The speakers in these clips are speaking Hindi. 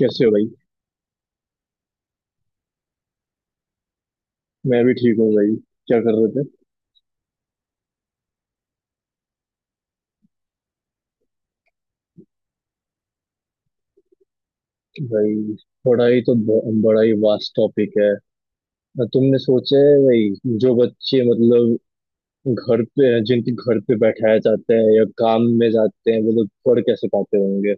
कैसे हो भाई। मैं भी ठीक हूँ भाई। क्या कर रहे थे? भाई, पढ़ाई तो बड़ा ही वास्ट टॉपिक है। तुमने सोचा है भाई, जो बच्चे मतलब घर पे हैं, जिनके घर पे बैठाया जाता है या काम में जाते हैं, वो लोग पढ़ कैसे पाते होंगे।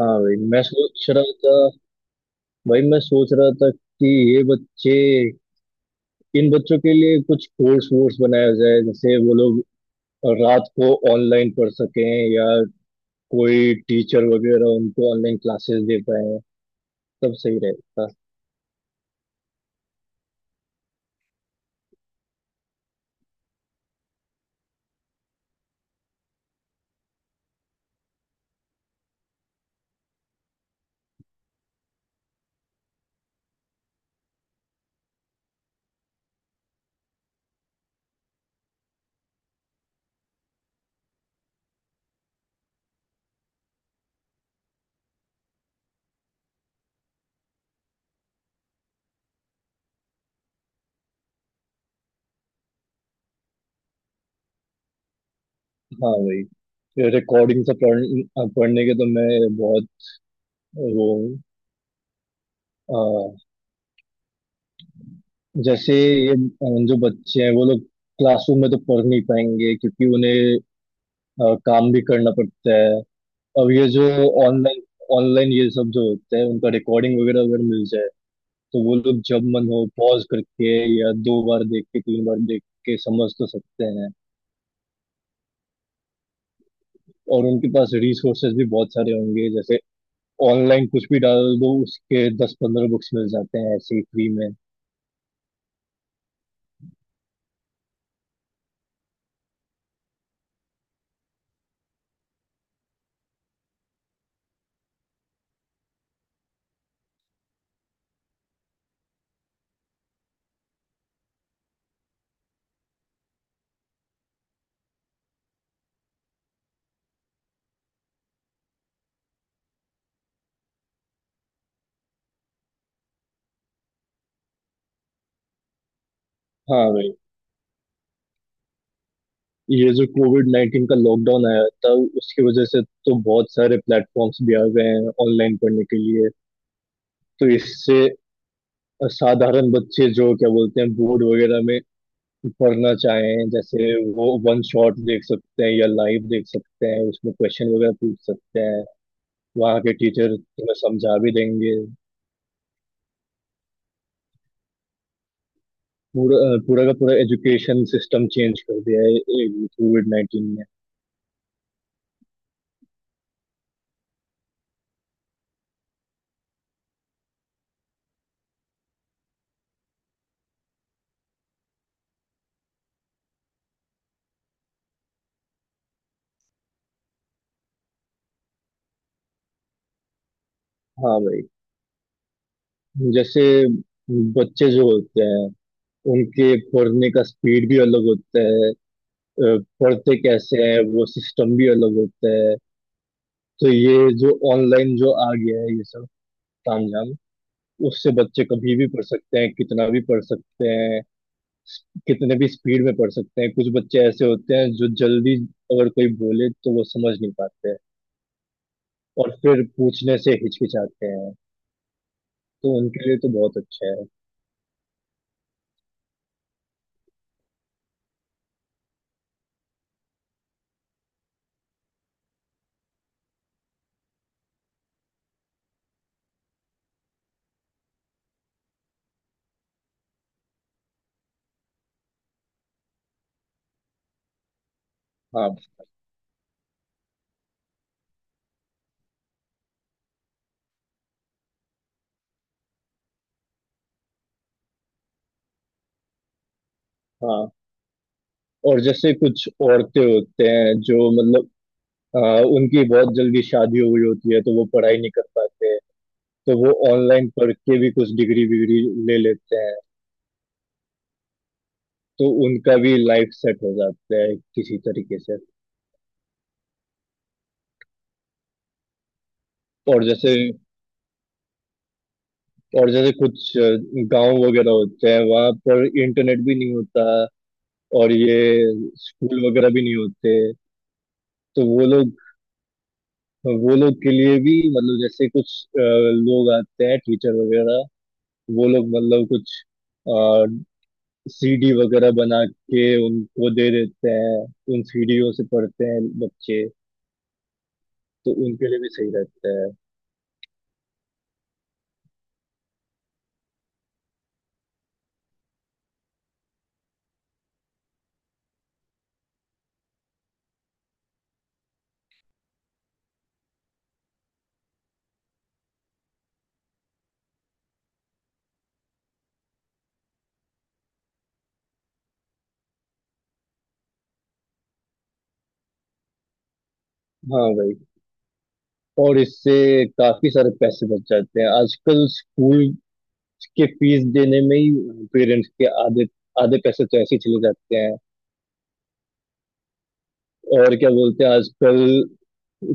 हाँ भाई, मैं सोच रहा था। भाई मैं सोच रहा था कि ये बच्चे, इन बच्चों के लिए कुछ कोर्स वोर्स बनाया जाए, जैसे वो लोग रात को ऑनलाइन पढ़ सकें या कोई टीचर वगैरह उनको ऑनलाइन क्लासेस दे पाए, सब सही रहता। हाँ भाई, रिकॉर्डिंग से पढ़, हाँ, पढ़ने के तो मैं बहुत वो हूँ। अ, जैसे ये जो बच्चे हैं वो लोग क्लासरूम में तो पढ़ नहीं पाएंगे क्योंकि उन्हें काम भी करना पड़ता है। अब ये जो ऑनलाइन ऑनलाइन ये सब जो होता है, उनका रिकॉर्डिंग वगैरह अगर मिल जाए तो वो लोग जब मन हो पॉज करके या दो बार देख के तीन बार देख के समझ तो सकते हैं। और उनके पास रिसोर्सेज भी बहुत सारे होंगे, जैसे ऑनलाइन कुछ भी डाल दो उसके 10 15 बुक्स मिल जाते हैं ऐसे ही फ्री में। हाँ भाई, ये जो कोविड 19 का लॉकडाउन आया था उसकी वजह से तो बहुत सारे प्लेटफॉर्म्स भी आ गए हैं ऑनलाइन पढ़ने के लिए। तो इससे साधारण बच्चे जो क्या बोलते हैं बोर्ड वगैरह में पढ़ना चाहें, जैसे वो वन शॉट देख सकते हैं या लाइव देख सकते हैं, उसमें क्वेश्चन वगैरह पूछ सकते हैं। वहाँ के टीचर तुम्हें समझा भी देंगे। पूरा, पूरा का पूरा एजुकेशन सिस्टम चेंज कर दिया है कोविड 19। हाँ भाई, जैसे बच्चे जो होते हैं उनके पढ़ने का स्पीड भी अलग होता है। पढ़ते कैसे हैं वो सिस्टम भी अलग होता है। तो ये जो ऑनलाइन जो आ गया है ये सब तामझाम, उससे बच्चे कभी भी पढ़ सकते हैं, कितना भी पढ़ सकते हैं, कितने भी स्पीड में पढ़ सकते हैं। कुछ बच्चे ऐसे होते हैं जो जल्दी, अगर कोई बोले तो वो समझ नहीं पाते हैं और फिर पूछने से हिचकिचाते हैं, तो उनके लिए तो बहुत अच्छा है। हाँ, हाँ। और जैसे कुछ औरतें होते हैं जो मतलब आ, उनकी बहुत जल्दी शादी हो गई होती है तो वो पढ़ाई नहीं कर पाते हैं, तो वो ऑनलाइन पढ़ के भी कुछ डिग्री विग्री ले लेते हैं, तो उनका भी लाइफ सेट हो जाता है किसी तरीके से। और जैसे और जैसे कुछ गांव वगैरह होते हैं वहां पर इंटरनेट भी नहीं होता और ये स्कूल वगैरह भी नहीं होते। तो वो लोग के लिए भी मतलब जैसे कुछ लोग आते हैं टीचर वगैरह, वो लोग मतलब कुछ सीडी वगैरह बना के उनको दे देते हैं, उन सीडियों से पढ़ते हैं बच्चे, तो उनके लिए भी सही रहता है। हाँ भाई, और इससे काफी सारे पैसे बच जाते हैं। आजकल स्कूल के फीस देने में ही पेरेंट्स के आधे आधे पैसे तो ऐसे ही चले जाते हैं। और क्या बोलते हैं, आजकल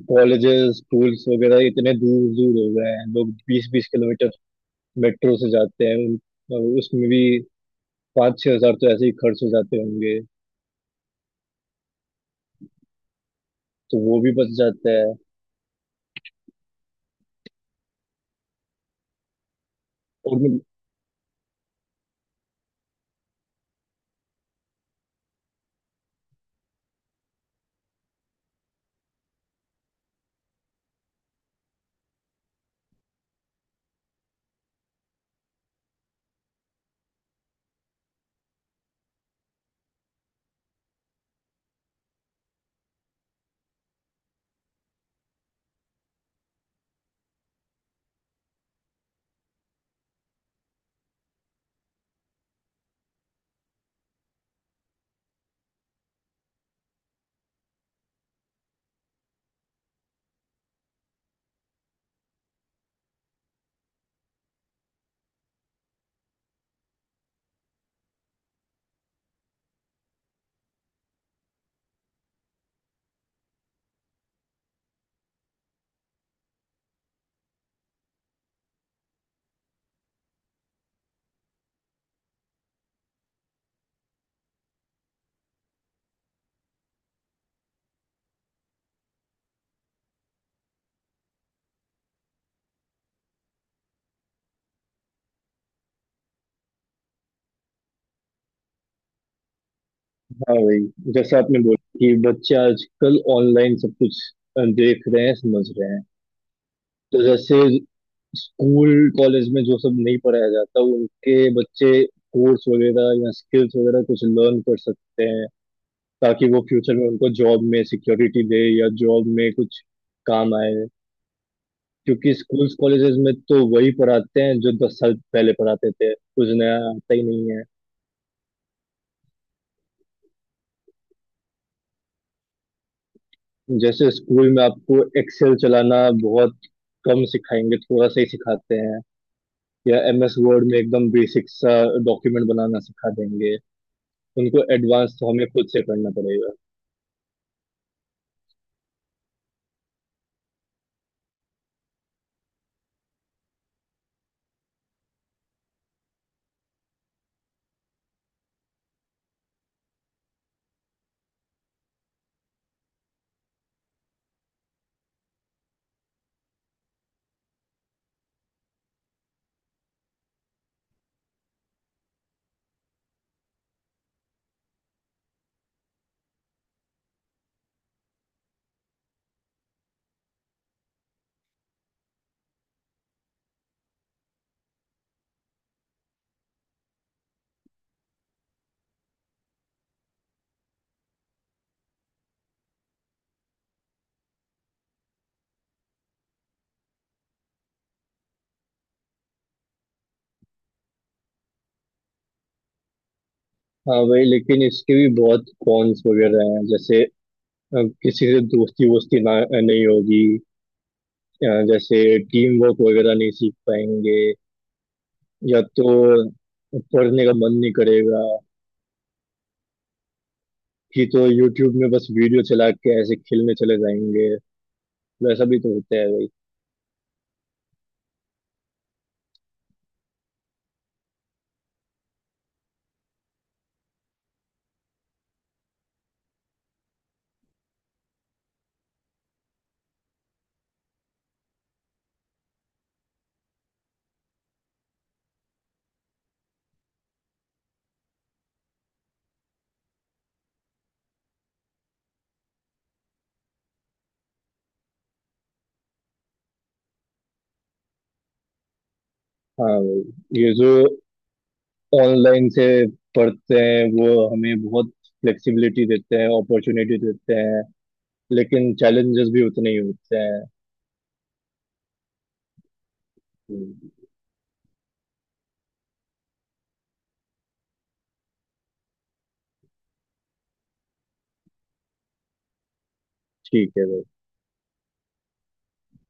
कॉलेजेस स्कूल्स वगैरह इतने दूर दूर हो गए हैं, लोग 20 20 किलोमीटर मेट्रो से जाते हैं, उसमें भी 5 6 हज़ार तो ऐसे ही खर्च हो जाते होंगे। तो वो भी बच जाता है। और मैं, हाँ भाई, जैसे आपने बोला कि बच्चे आजकल ऑनलाइन सब कुछ देख रहे हैं समझ रहे हैं। तो जैसे स्कूल कॉलेज में जो सब नहीं पढ़ाया जाता उनके, बच्चे कोर्स वगैरह या स्किल्स वगैरह कुछ लर्न कर सकते हैं ताकि वो फ्यूचर में उनको जॉब में सिक्योरिटी दे या जॉब में कुछ काम आए। क्योंकि स्कूल्स कॉलेजेस में तो वही पढ़ाते हैं जो 10 साल पहले पढ़ाते थे, कुछ नया आता ही नहीं है। जैसे स्कूल में आपको एक्सेल चलाना बहुत कम सिखाएंगे, थोड़ा सा ही सिखाते हैं, या एमएस वर्ड में एकदम बेसिक सा डॉक्यूमेंट बनाना सिखा देंगे। उनको एडवांस तो हमें खुद से करना पड़ेगा। हाँ वही, लेकिन इसके भी बहुत कॉन्स वगैरह हैं। जैसे अ, किसी से दोस्ती वोस्ती ना नहीं होगी। जैसे टीम वर्क वगैरह नहीं सीख पाएंगे। या तो पढ़ने का मन नहीं करेगा, कि तो यूट्यूब में बस वीडियो चला के ऐसे खेलने चले जाएंगे, वैसा भी तो होता है भाई। हाँ भाई, ये जो ऑनलाइन से पढ़ते हैं वो हमें बहुत फ्लेक्सिबिलिटी देते हैं, अपॉर्चुनिटी देते हैं, लेकिन चैलेंजेस भी उतने ही होते हैं। हम्म। ठीक है भाई।